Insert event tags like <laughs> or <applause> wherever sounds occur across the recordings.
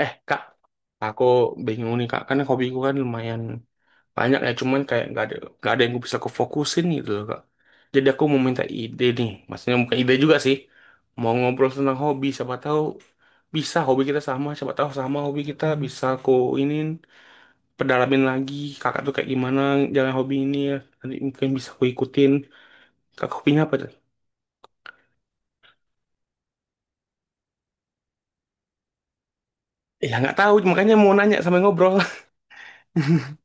Eh kak, aku bingung nih kak, karena hobiku kan lumayan banyak ya, cuman kayak nggak ada yang gue bisa kefokusin gitu loh kak. Jadi aku mau minta ide nih, maksudnya bukan ide juga sih, mau ngobrol tentang hobi, siapa tahu bisa hobi kita sama, siapa tahu sama hobi kita bisa aku ini pedalamin lagi, kakak tuh kayak gimana jalan hobi ini ya, nanti mungkin bisa aku ikutin. Kakak hobinya apa tuh? Ya nggak tahu, makanya mau nanya sama yang ngobrol. <laughs>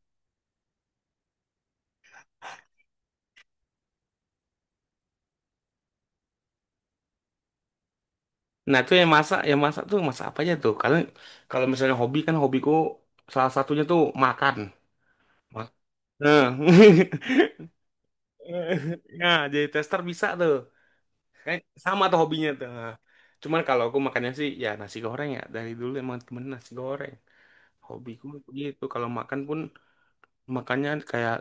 Nah, itu yang masak tuh masak apa aja tuh? Karena kalau misalnya hobi kan hobiku salah satunya tuh makan. Ma- Nah, <laughs> nah jadi tester bisa tuh. Kayak sama tuh hobinya tuh. Nah, Cuman kalau aku makannya sih ya nasi goreng ya. Dari dulu emang temen nasi goreng. Hobiku gitu. Kalau makan pun makannya kayak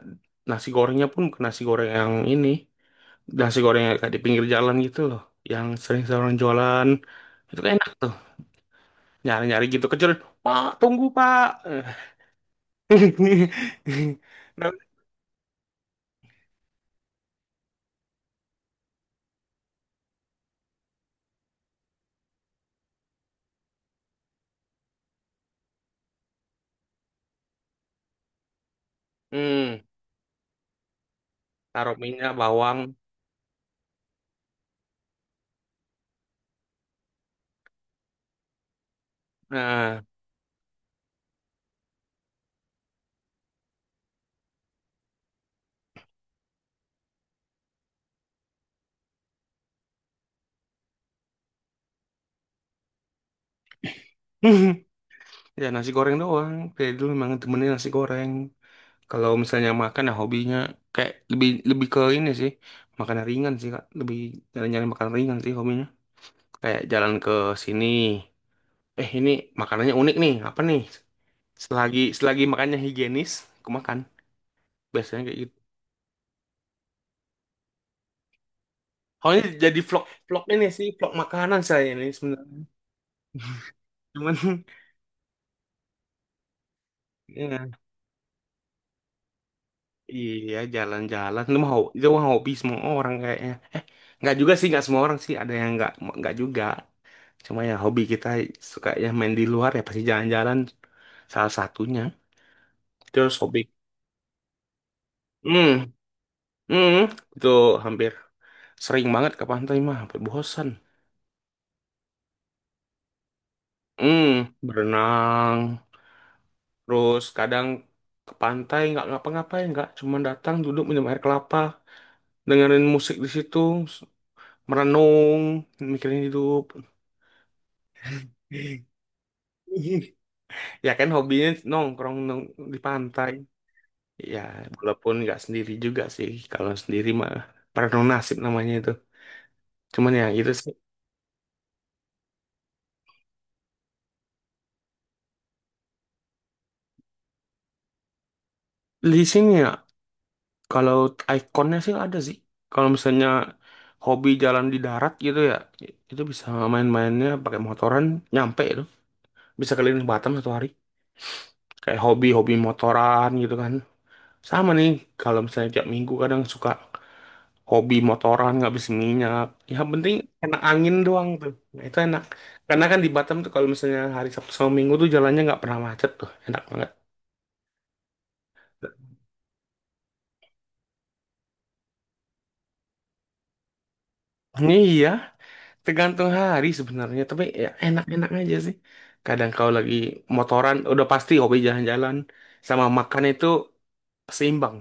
nasi gorengnya pun bukan nasi goreng yang ini. Nasi goreng yang kayak di pinggir jalan gitu loh. Yang sering-sering jualan. Itu enak tuh. Nyari-nyari gitu kecil pak tunggu pak <laughs> Nah, hmm, taruh minyak bawang nah <laughs> ya nasi goreng doang dari dulu memang temennya nasi goreng kalau misalnya makan ya hobinya kayak lebih lebih ke ini sih makanan ringan sih kak lebih nyari-nyari makanan ringan sih hobinya kayak jalan ke sini eh ini makanannya unik nih apa nih selagi selagi makannya higienis aku makan biasanya kayak gitu Oh, ini jadi vlog vlog ini sih vlog makanan saya ini sebenarnya cuman <laughs> ya, iya jalan-jalan itu mau itu mah hobi semua orang kayaknya eh nggak juga sih nggak semua orang sih ada yang nggak juga cuma ya hobi kita suka ya main di luar ya pasti jalan-jalan salah satunya terus hobi hmm hmm itu hampir sering banget ke pantai mah hampir bosan hmm berenang terus kadang ke pantai nggak ngapa-ngapain nggak cuman datang duduk minum air kelapa dengerin musik di situ, merenung, mikirin hidup. <laughs> Ya kan hobinya nongkrong di pantai. Ya, walaupun nggak sendiri juga sih. Kalau sendiri mah perenung nasib namanya itu. Cuman ya itu sih. Di sini ya, kalau ikonnya sih ada sih. Kalau misalnya hobi jalan di darat gitu ya, itu bisa main-mainnya pakai motoran nyampe itu. Bisa keliling Batam satu hari. Kayak hobi-hobi motoran gitu kan. Sama nih, kalau misalnya tiap minggu kadang suka hobi motoran nggak habis minyak. Yang penting enak angin doang tuh. Nah, itu enak. Karena kan di Batam tuh kalau misalnya hari Sabtu sama Minggu tuh jalannya nggak pernah macet tuh. Enak banget. Iya, tergantung hari sebenarnya. Tapi ya enak-enak aja sih. Kadang kalau lagi motoran, udah pasti hobi jalan-jalan. Sama makan itu seimbang.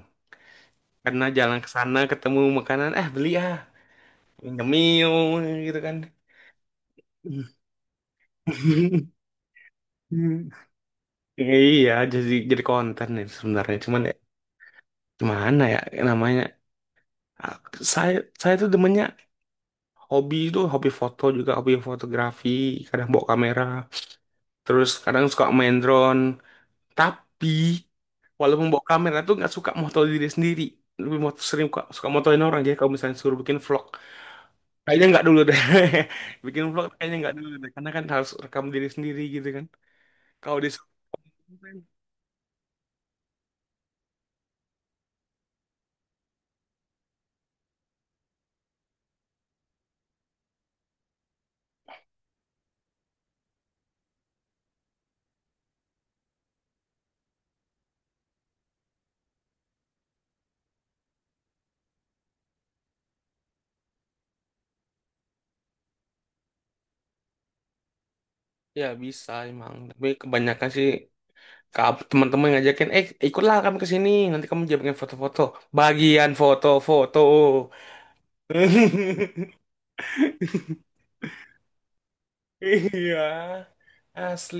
Karena jalan ke sana ketemu makanan, eh beli ah. Nyemil gitu kan. <laughs> Iya, jadi konten itu sebenarnya. Cuman ya, gimana ya namanya? Ah, Saya saya tuh demennya hobi itu hobi foto juga, hobi fotografi, kadang bawa kamera, terus kadang suka main drone. Tapi walaupun bawa kamera tuh nggak suka moto diri sendiri. Lebih moto, sering suka motoin orang. Jadi kalau misalnya suruh bikin vlog, kayaknya nggak dulu deh. <laughs> Bikin vlog kayaknya nggak dulu deh. Karena kan harus rekam diri sendiri gitu kan. Kalau disuruh, konten, ya bisa emang. Tapi kebanyakan sih Kamu teman-teman ngajakin, eh ikutlah kami ke sini, nanti kamu jamin foto-foto. Bagian foto-foto. <laughs> Iya, asli.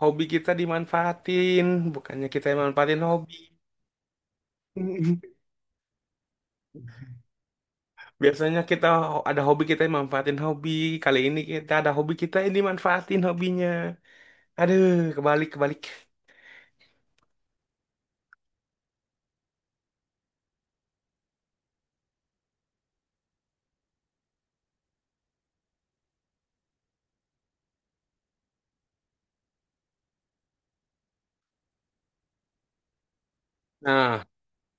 Hobi kita dimanfaatin, bukannya kita yang manfaatin hobi. <laughs> Biasanya kita ada hobi kita yang manfaatin hobi. Kali ini kita ada hobi kita yang dimanfaatin hobinya. Aduh, kebalik kebalik. Nah,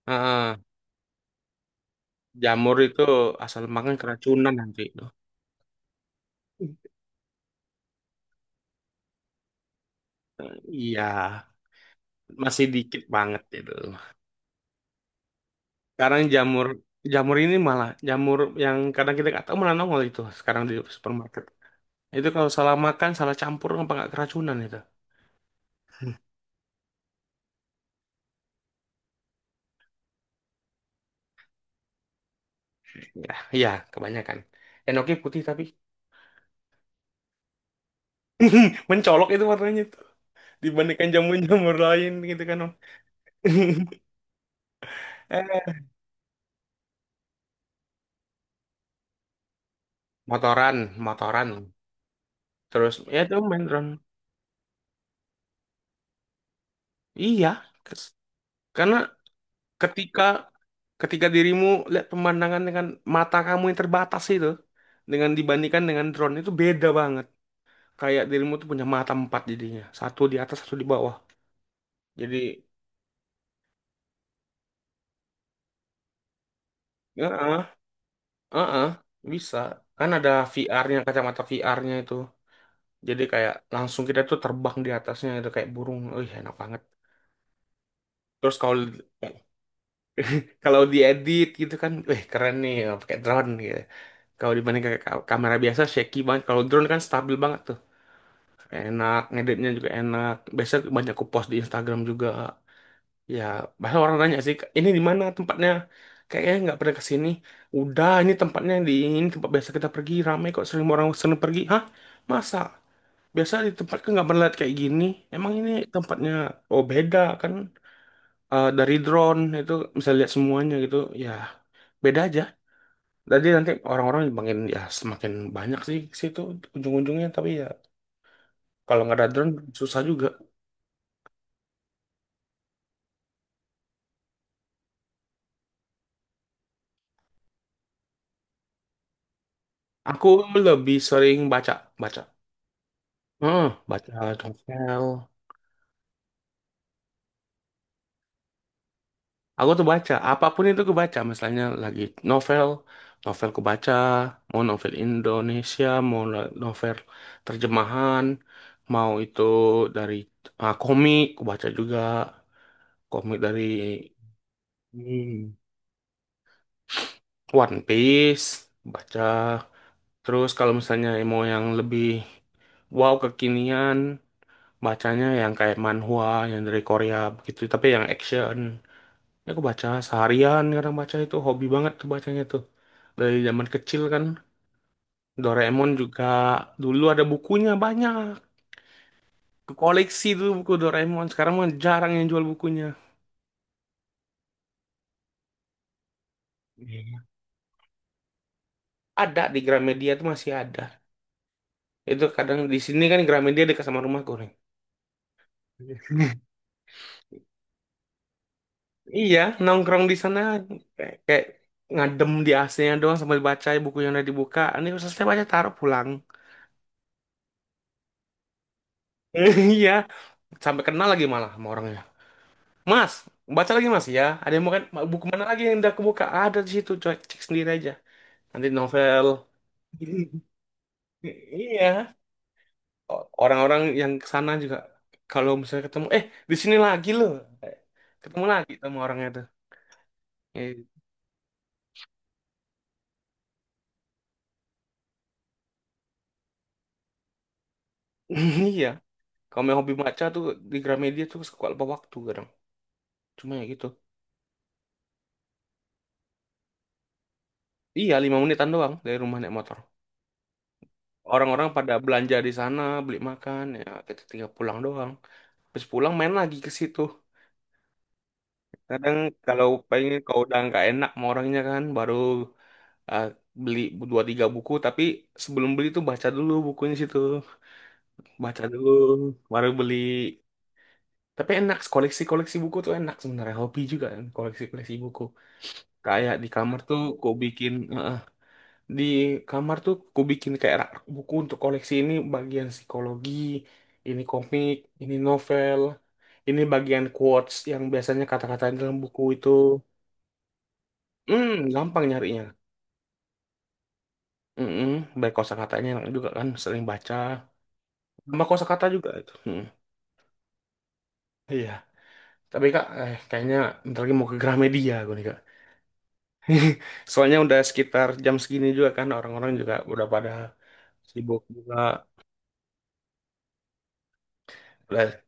ah, jamur itu asal makan keracunan nanti itu. Iya, masih dikit banget itu. Sekarang jamur jamur ini malah jamur yang kadang kita nggak tahu malah nongol itu sekarang di supermarket. Itu kalau salah makan, salah campur apa nggak keracunan itu? Ya, iya kebanyakan. Enoki putih tapi <laughs> mencolok itu warnanya itu dibandingkan jamur-jamur lain gitu kan Om. <laughs> Eh, motoran, motoran. Terus ya itu main drone. Iya, kes- karena ketika ketika dirimu lihat pemandangan dengan mata kamu yang terbatas itu dengan dibandingkan dengan drone itu beda banget. Kayak dirimu tuh punya mata empat jadinya. Satu di atas, satu di bawah. Jadi, heeh, heeh, bisa. Kan ada VR-nya, kacamata VR-nya itu. Jadi kayak langsung kita tuh terbang di atasnya itu kayak burung. Wih, enak banget. Terus kalau kalau diedit gitu kan, wih keren nih ya, pakai drone gitu. Kalau dibanding kayak kamera biasa shaky banget. Kalau drone kan stabil banget tuh. Enak, ngeditnya juga enak. Biasanya banyak aku post di Instagram juga. Ya, bahkan orang nanya sih, ini di mana tempatnya? Kayaknya nggak pernah ke sini. Udah, ini tempatnya di ini tempat biasa kita pergi. Ramai kok sering orang sering pergi. Hah? Masa? Biasa di tempat kan nggak pernah lihat kayak gini. Emang ini tempatnya oh beda kan Eh, dari drone itu bisa lihat semuanya gitu. Ya, beda aja. Jadi nanti orang-orang makin ya semakin banyak sih ke situ ujung-ujungnya. Tapi ya kalau nggak ada drone susah juga. Aku lebih sering baca. Baca novel. Aku tuh baca, apapun itu aku baca, misalnya lagi novel, novel aku baca, mau novel Indonesia, mau novel terjemahan, mau itu dari komik, aku baca juga, komik dari hmm, One Piece, baca. Terus kalau misalnya mau yang lebih wow kekinian, bacanya yang kayak manhwa, yang dari Korea begitu, tapi yang action. Ya, aku baca seharian kadang baca itu hobi banget tuh bacanya tuh. Dari zaman kecil kan Doraemon juga dulu ada bukunya banyak. Koleksi dulu buku Doraemon. Sekarang mah jarang yang jual bukunya. Iya. Ada di Gramedia tuh masih ada. Itu kadang di sini kan Gramedia dekat sama rumahku nih. Iya, Iya, nongkrong di sana kayak ngadem di AC-nya doang sambil baca buku yang udah dibuka. Ini selesai baca taruh pulang. <laughs> Iya, sampai kenal lagi malah sama orangnya. Mas, baca lagi Mas ya. Ada yang mau kan buku mana lagi yang udah kebuka? Ada di situ, coy. Cek sendiri aja. Nanti novel. <laughs> Iya. Orang-orang yang ke sana juga kalau misalnya ketemu, eh di sini lagi loh. Ketemu lagi sama orangnya tuh. Eh, <laughs> Iya. Kalau yang hobi baca tuh di Gramedia tuh suka lupa waktu kadang. Cuma ya gitu. Iya, 5 menitan doang dari rumah naik motor. Orang-orang pada belanja di sana, beli makan, ya kita tinggal pulang doang. Terus pulang main lagi ke situ. Kadang kalau pengen kalau udah nggak enak sama orangnya kan baru eh, beli dua tiga buku tapi sebelum beli tuh baca dulu bukunya situ baca dulu baru beli tapi enak koleksi koleksi buku tuh enak sebenarnya hobi juga kan koleksi koleksi buku kayak di kamar tuh ku bikin eh, di kamar tuh ku bikin kayak rak buku untuk koleksi ini bagian psikologi ini komik ini novel ini bagian quotes yang biasanya kata kata dalam buku itu gampang nyarinya. Mhm, baik kosakatanya enak juga kan, sering baca. Sama kosakata juga itu, mhm, iya. Tapi Kak, kayaknya bentar lagi mau ke Gramedia gue nih Kak. <laughs> Soalnya udah sekitar jam segini juga kan, orang-orang juga udah pada sibuk juga. Udah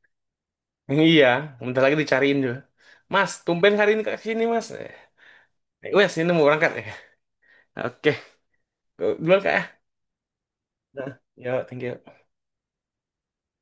iya, bentar lagi dicariin juga. "Mas, tumben hari ini Kak kesini Mas." Eh, "Wes, ini mau berangkat." ya, oke, duluan Kak ya. Heeh, yo, thank you.